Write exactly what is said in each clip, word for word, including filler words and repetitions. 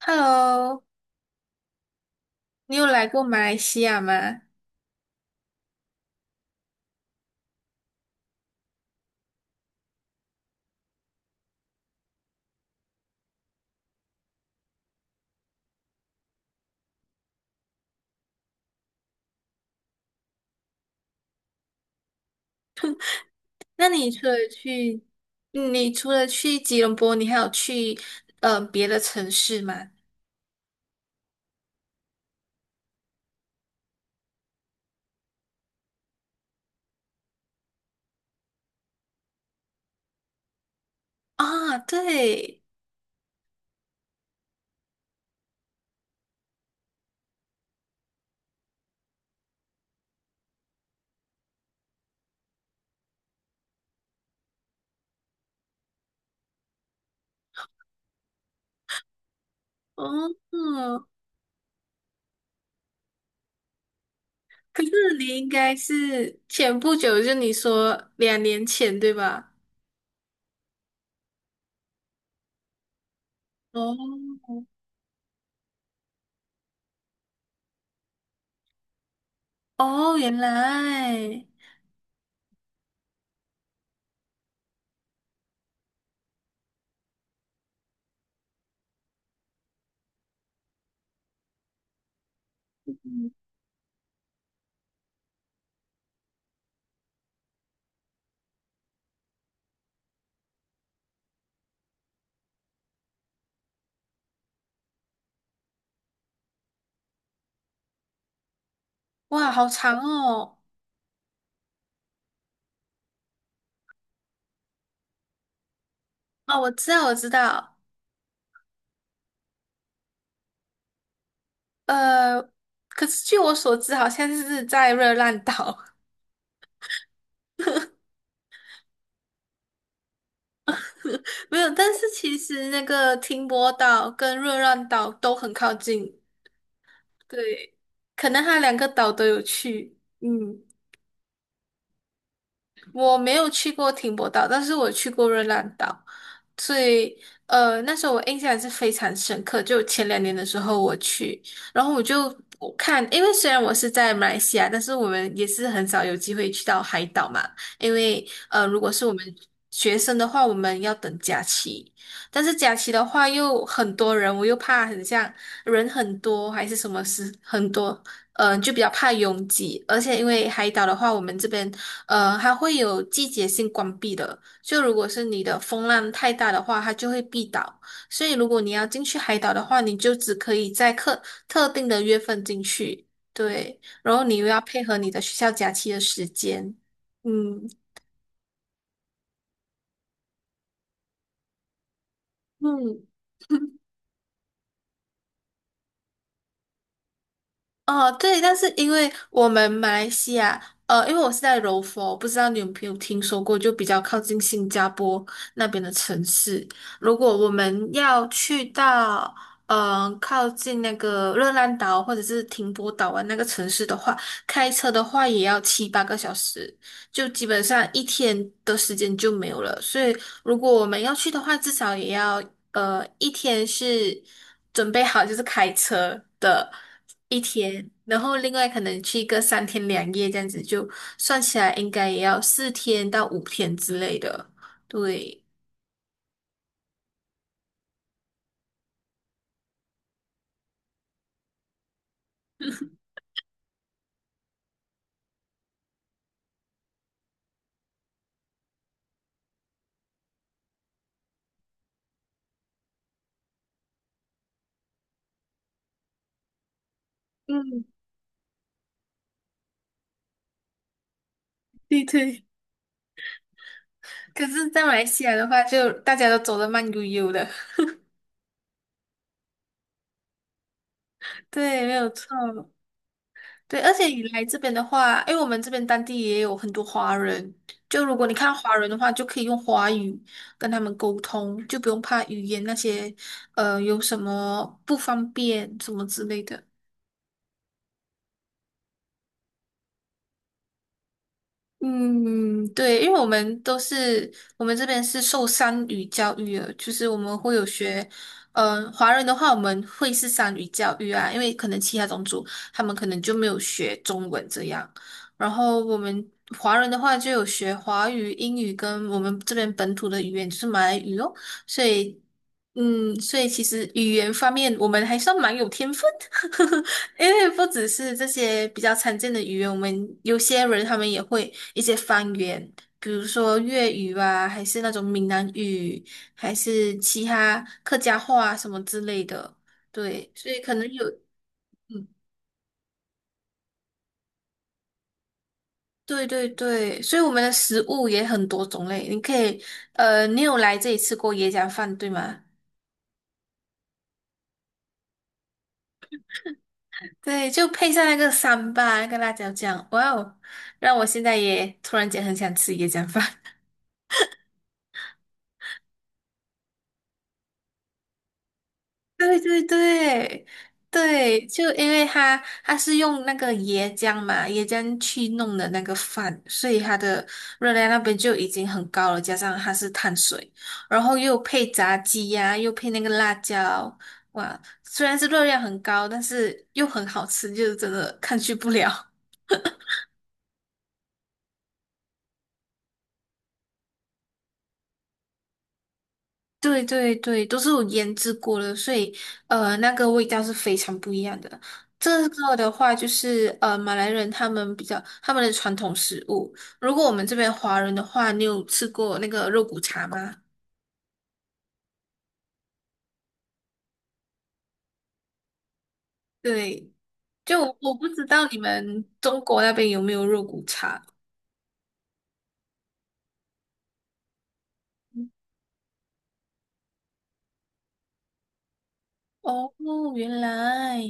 Hello,你有来过马来西亚吗？那你除了去，嗯你除了去吉隆坡，你还有去呃别的城市吗？啊，对。哦，可是你应该是前不久，就你说两年前对吧？哦。哦，原来。嗯，哇，好长哦。哦，我知道，我知道。呃，可是据我所知，好像是在热浪岛。没有，但是其实那个停泊岛跟热浪岛都很靠近。对，可能它两个岛都有去，嗯。我没有去过停泊岛，但是我去过热浪岛，所以呃那时候我印象是非常深刻。就前两年的时候我去，然后我就我看，因为虽然我是在马来西亚，但是我们也是很少有机会去到海岛嘛，因为呃如果是我们学生的话，我们要等假期，但是假期的话又很多人，我又怕很像人很多还是什么事很多，嗯、呃就比较怕拥挤，而且因为海岛的话，我们这边呃它会有季节性关闭的，就如果是你的风浪太大的话，它就会闭岛。所以如果你要进去海岛的话，你就只可以在特特定的月份进去。对，然后你又要配合你的学校假期的时间，嗯。嗯，哦，对，但是因为我们马来西亚，呃，因为我是在柔佛，不知道你有没有听说过，就比较靠近新加坡那边的城市。如果我们要去到，嗯、呃靠近那个热浪岛或者是停泊岛湾那个城市的话，开车的话也要七八个小时，就基本上一天的时间就没有了。所以如果我们要去的话，至少也要呃，一天是准备好就是开车的一天，然后另外可能去一个三天两夜这样子，就算起来应该也要四天到五天之类的。对，嗯，对对。可是，在马来西亚的话，就大家都走得慢悠悠的。对，没有错。对，而且你来这边的话，因为我们这边当地也有很多华人，就如果你看华人的话，就可以用华语跟他们沟通，就不用怕语言那些，呃，有什么不方便什么之类的。嗯，对，因为我们都是我们这边是受三语教育的，就是我们会有学，嗯、呃华人的话我们会是三语教育啊，因为可能其他种族他们可能就没有学中文这样，然后我们华人的话就有学华语、英语跟我们这边本土的语言就是马来语哦。所以，嗯，所以其实语言方面我们还算蛮有天分的。因为不只是这些比较常见的语言，我们有些人他们也会一些方言，比如说粤语啊，还是那种闽南语，还是其他客家话啊什么之类的。对，所以可能有，嗯，对对对，所以我们的食物也很多种类。你可以，呃，你有来这里吃过椰浆饭，对吗？对，就配上那个三巴那个辣椒酱，哇哦，让我现在也突然间很想吃椰浆饭。对对对对，就因为它它是用那个椰浆嘛，椰浆去弄的那个饭，所以它的热量那边就已经很高了，加上它是碳水，然后又配炸鸡呀、又配那个辣椒，哇，虽然是热量很高，但是又很好吃，就是真的抗拒不了。对对对，都是有腌制过的，所以呃，那个味道是非常不一样的。这个的话，就是呃，马来人他们比较他们的传统食物。如果我们这边华人的话，你有吃过那个肉骨茶吗？对，就我我不知道你们中国那边有没有肉骨茶。哦，原来。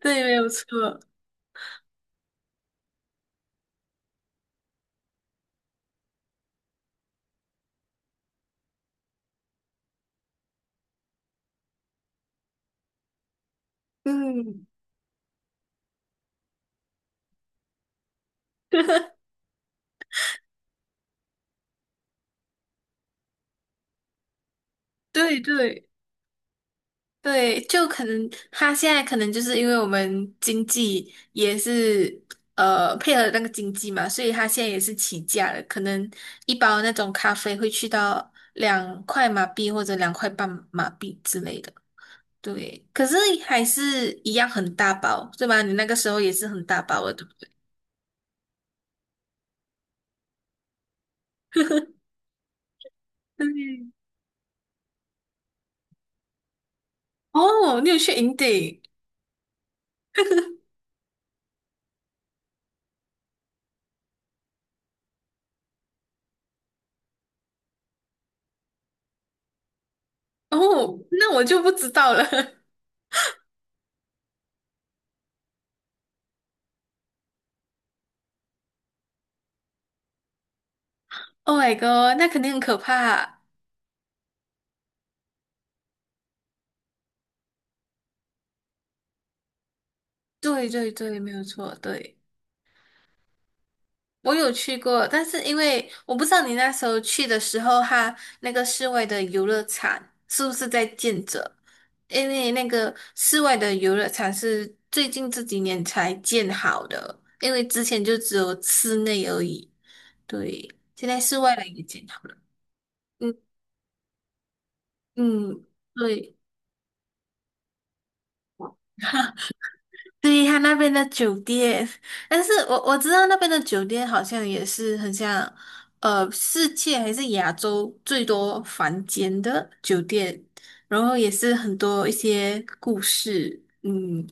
对，没有错。嗯，对对。对，就可能他现在可能就是因为我们经济也是呃配合那个经济嘛，所以他现在也是起价了，可能一包那种咖啡会去到两块马币或者两块半马币之类的。对，可是还是一样很大包，对吧？你那个时候也是很大包的，对不对？对。哦，你有去营地。哦，那我就不知道了。Oh my god，那肯定很可怕。对对对，没有错，对。我有去过，但是因为我不知道你那时候去的时候，它那个室外的游乐场是不是在建着？因为那个室外的游乐场是最近这几年才建好的，因为之前就只有室内而已。对，现在室外的也建好了。嗯嗯，对。对，他那边的酒店，但是我我知道那边的酒店好像也是很像，呃，世界还是亚洲最多房间的酒店，然后也是很多一些故事，嗯，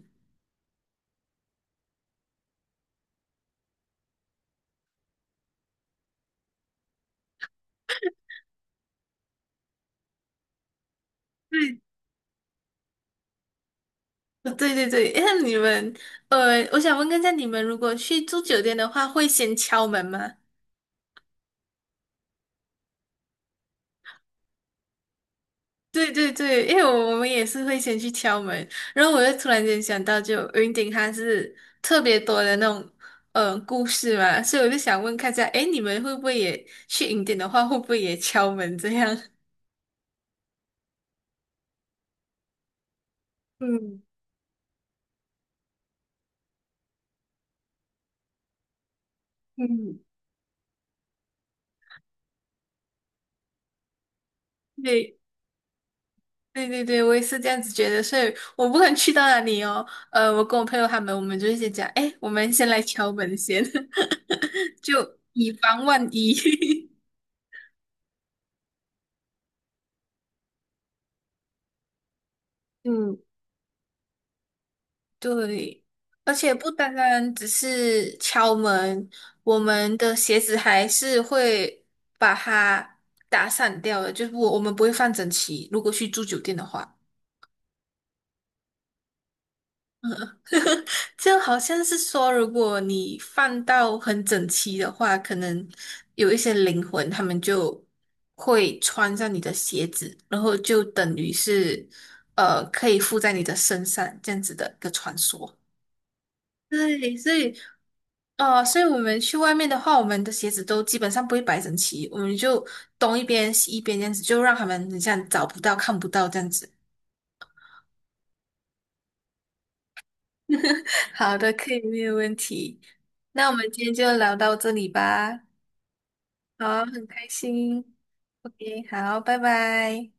对对对对，那你们，呃，我想问一下，你们如果去住酒店的话，会先敲门吗？对对对，因为我们也是会先去敲门，然后我就突然间想到，就云顶它是特别多的那种嗯呃故事嘛，所以我就想问看一下，诶，你们会不会也去云顶的话，会不会也敲门这样？嗯嗯，对对对对，我也是这样子觉得，所以我不管去到哪里哦，呃，我跟我朋友他们，我们就会先讲，诶，我们先来敲门先，就以防万一。嗯。对，而且不单单只是敲门，我们的鞋子还是会把它打散掉的，就是我我们不会放整齐。如果去住酒店的话，就好像是说，如果你放到很整齐的话，可能有一些灵魂，他们就会穿上你的鞋子，然后就等于是呃，可以附在你的身上这样子的一个传说。对，所以哦，所以我们去外面的话，我们的鞋子都基本上不会摆整齐，我们就东一边西一边这样子，就让他们很像找不到、看不到这样子。好的，可以，没有问题。那我们今天就聊到这里吧。好，很开心。OK，好，拜拜。